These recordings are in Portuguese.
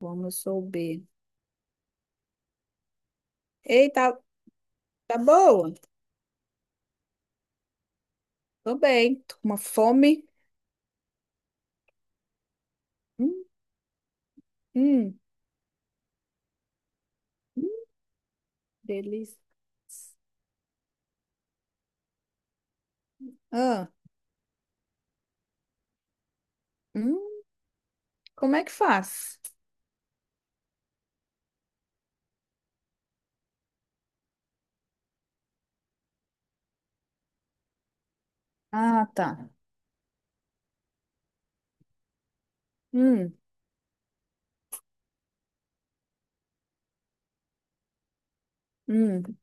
Vamos souber. Ei, tá, tá boa? Tô bem. Tô com uma fome. Hum, hum, hum, Delícia. Ah, hum, como é que faz? Ah, tá. Hum, hum,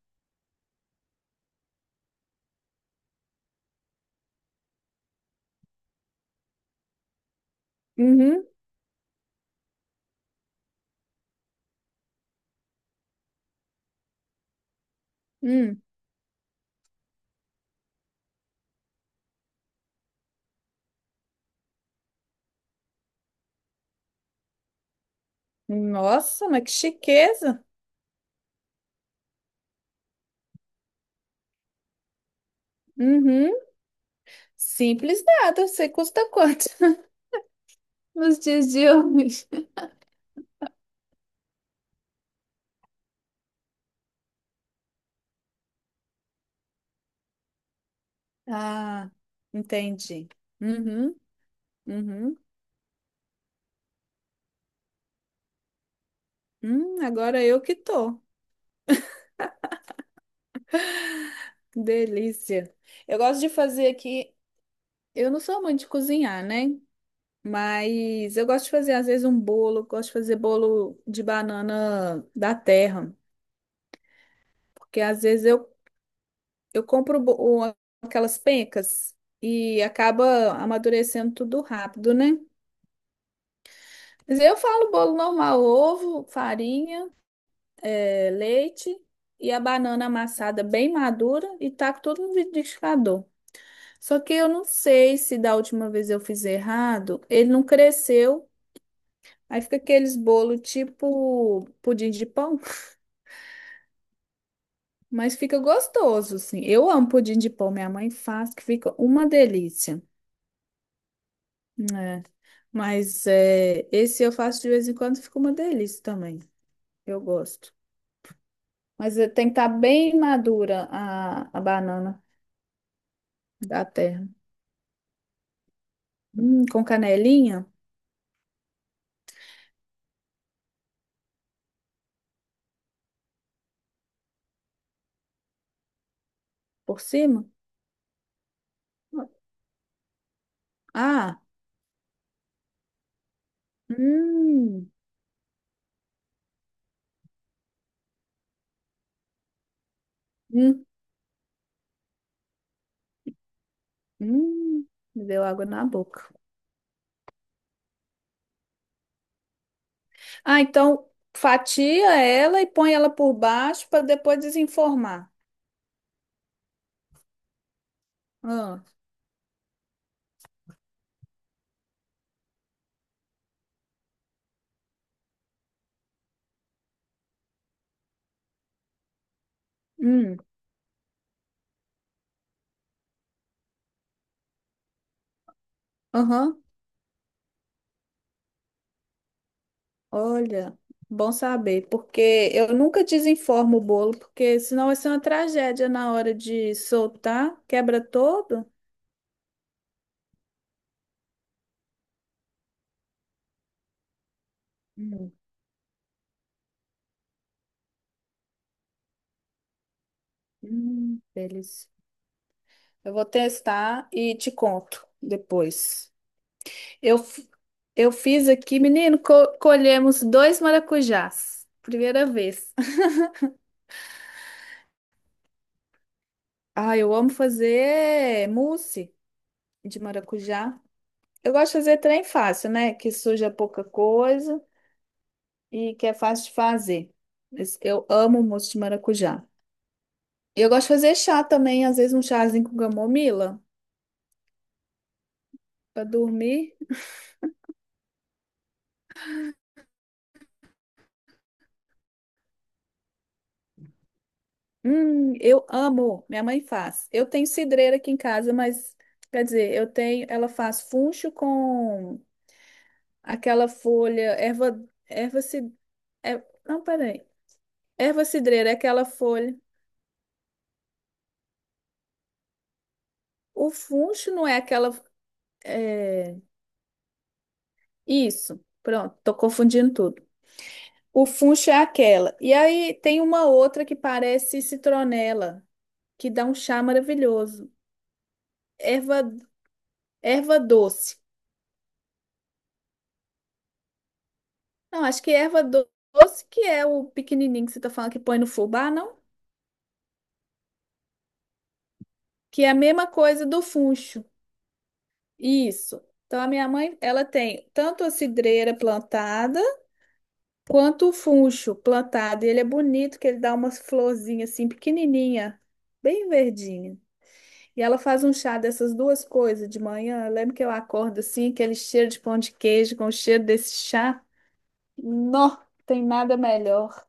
uhum, hum. Nossa, mas que chiqueza. Uhum. Simples nada. Eu sei custa quanto nos dias de hoje. Ah, entendi. Uhum, uhum. Agora eu que tô. Delícia. Eu gosto de fazer aqui. Eu não sou muito de cozinhar, né? Mas eu gosto de fazer, às vezes, um bolo. Gosto de fazer bolo de banana da terra. Porque, às vezes, eu compro bo- o- aquelas pencas e acaba amadurecendo tudo rápido, né? Mas eu falo bolo normal: ovo, farinha, leite e a banana amassada bem madura e taco tudo no liquidificador. Só que eu não sei se da última vez eu fiz errado, ele não cresceu. Aí fica aqueles bolo tipo pudim de pão, mas fica gostoso, assim. Eu amo pudim de pão, minha mãe faz, que fica uma delícia. Né? Mas é, esse eu faço de vez em quando, fica uma delícia também. Eu gosto. Mas é, tem que estar bem madura a banana da terra. Com canelinha por cima. Ah, hum, hum, hum, me deu água na boca. Ah, então fatia ela e põe ela por baixo para depois desenformar. Ah, hum, aham. Olha, bom saber, porque eu nunca desenformo o bolo, porque senão vai ser uma tragédia na hora de soltar, quebra todo. Hum, delícia. Eu vou testar e te conto depois. Eu, f- eu fiz aqui, menino, co- colhemos dois maracujás. Primeira vez. Ah, eu amo fazer mousse de maracujá. Eu gosto de fazer trem fácil, né? Que suja pouca coisa e que é fácil de fazer. Mas eu amo moço de maracujá. E eu gosto de fazer chá também, às vezes um chazinho com camomila para dormir. Eu amo. Minha mãe faz. Eu tenho cidreira aqui em casa, mas quer dizer, eu tenho, ela faz funcho com aquela folha, erva, erva cid, é, não, peraí. Erva cidreira é aquela folha. O funcho não é aquela é, isso, pronto, tô confundindo tudo. O funcho é aquela. E aí tem uma outra que parece citronela, que dá um chá maravilhoso. Erva, erva doce. Não, acho que erva do- doce que é o pequenininho que você tá falando que põe no fubá, não? Que é a mesma coisa do funcho. Isso. Então a minha mãe, ela tem tanto a cidreira plantada quanto o funcho plantado. E ele é bonito, que ele dá umas florzinhas assim pequenininha, bem verdinha. E ela faz um chá dessas duas coisas de manhã. Eu lembro que eu acordo assim, aquele cheiro de pão de queijo com o cheiro desse chá. Não tem nada melhor.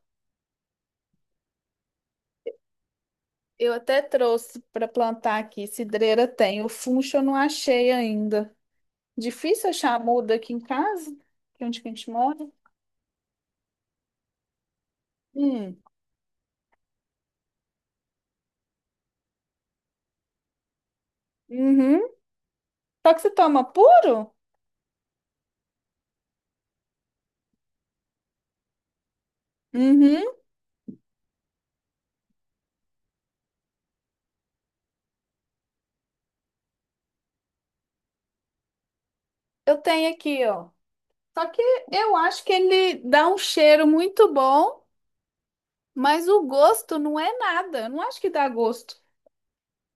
Eu até trouxe para plantar aqui, cidreira tem. O funcho eu não achei ainda. Difícil achar muda aqui em casa, que é onde que a gente mora. Hum. Uhum. Só que você toma puro? Uhum. Eu tenho aqui, ó. Só que eu acho que ele dá um cheiro muito bom, mas o gosto não é nada. Eu não acho que dá gosto.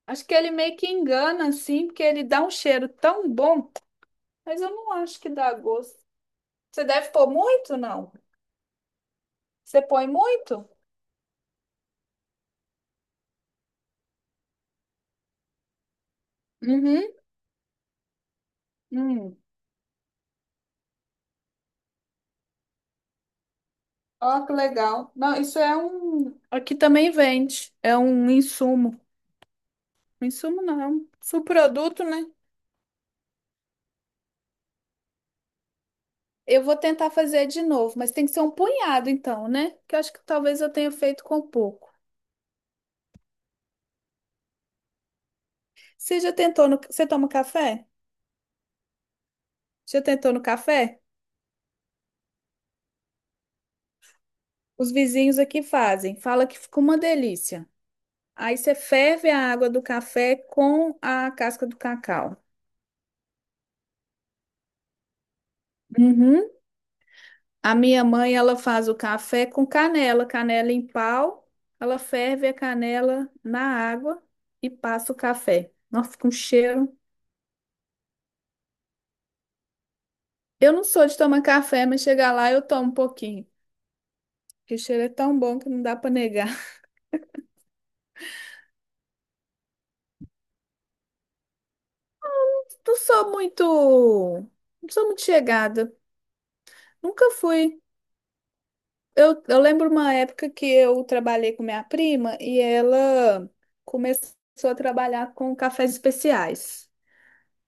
Acho que ele meio que engana, assim, porque ele dá um cheiro tão bom, mas eu não acho que dá gosto. Você deve pôr muito, não? Você põe muito? Uhum. Hum. Ó, que legal. Não, isso é um. Aqui também vende. É um insumo. Insumo não, é um subproduto, né? Eu vou tentar fazer de novo, mas tem que ser um punhado, então, né? Que eu acho que talvez eu tenha feito com pouco. Você já tentou no. Você toma café? Já tentou no café? Os vizinhos aqui fazem. Fala que ficou uma delícia. Aí você ferve a água do café com a casca do cacau. Uhum. A minha mãe, ela faz o café com canela, canela em pau. Ela ferve a canela na água e passa o café. Nossa, fica um cheiro. Eu não sou de tomar café, mas chegar lá eu tomo um pouquinho. Porque o cheiro é tão bom que não dá para negar. Não sou muito, não sou muito chegada. Nunca fui. Eu lembro uma época que eu trabalhei com minha prima e ela começou a trabalhar com cafés especiais.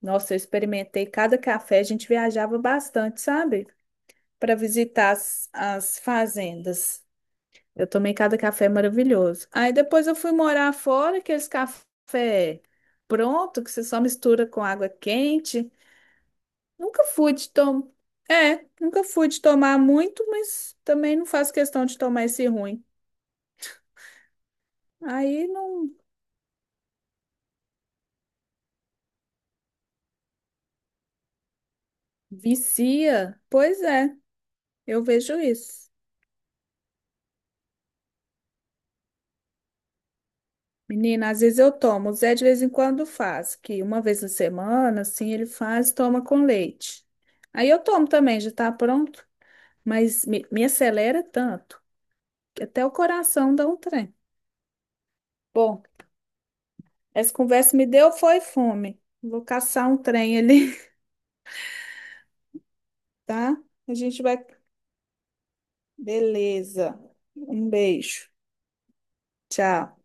Nossa, eu experimentei cada café, a gente viajava bastante, sabe? Para visitar as fazendas. Eu tomei cada café maravilhoso. Aí depois eu fui morar fora, aqueles café pronto, que você só mistura com água quente. Nunca fui de tomar. É, nunca fui de tomar muito, mas também não faço questão de tomar esse ruim. Aí não vicia. Pois é, eu vejo isso. Menina, às vezes eu tomo. O Zé de vez em quando faz, que uma vez na semana, assim, ele faz e toma com leite. Aí eu tomo também, já tá pronto. Mas me acelera tanto que até o coração dá um trem. Bom, essa conversa me deu foi fome. Vou caçar um trem ali, tá? A gente vai. Beleza. Um beijo. Tchau.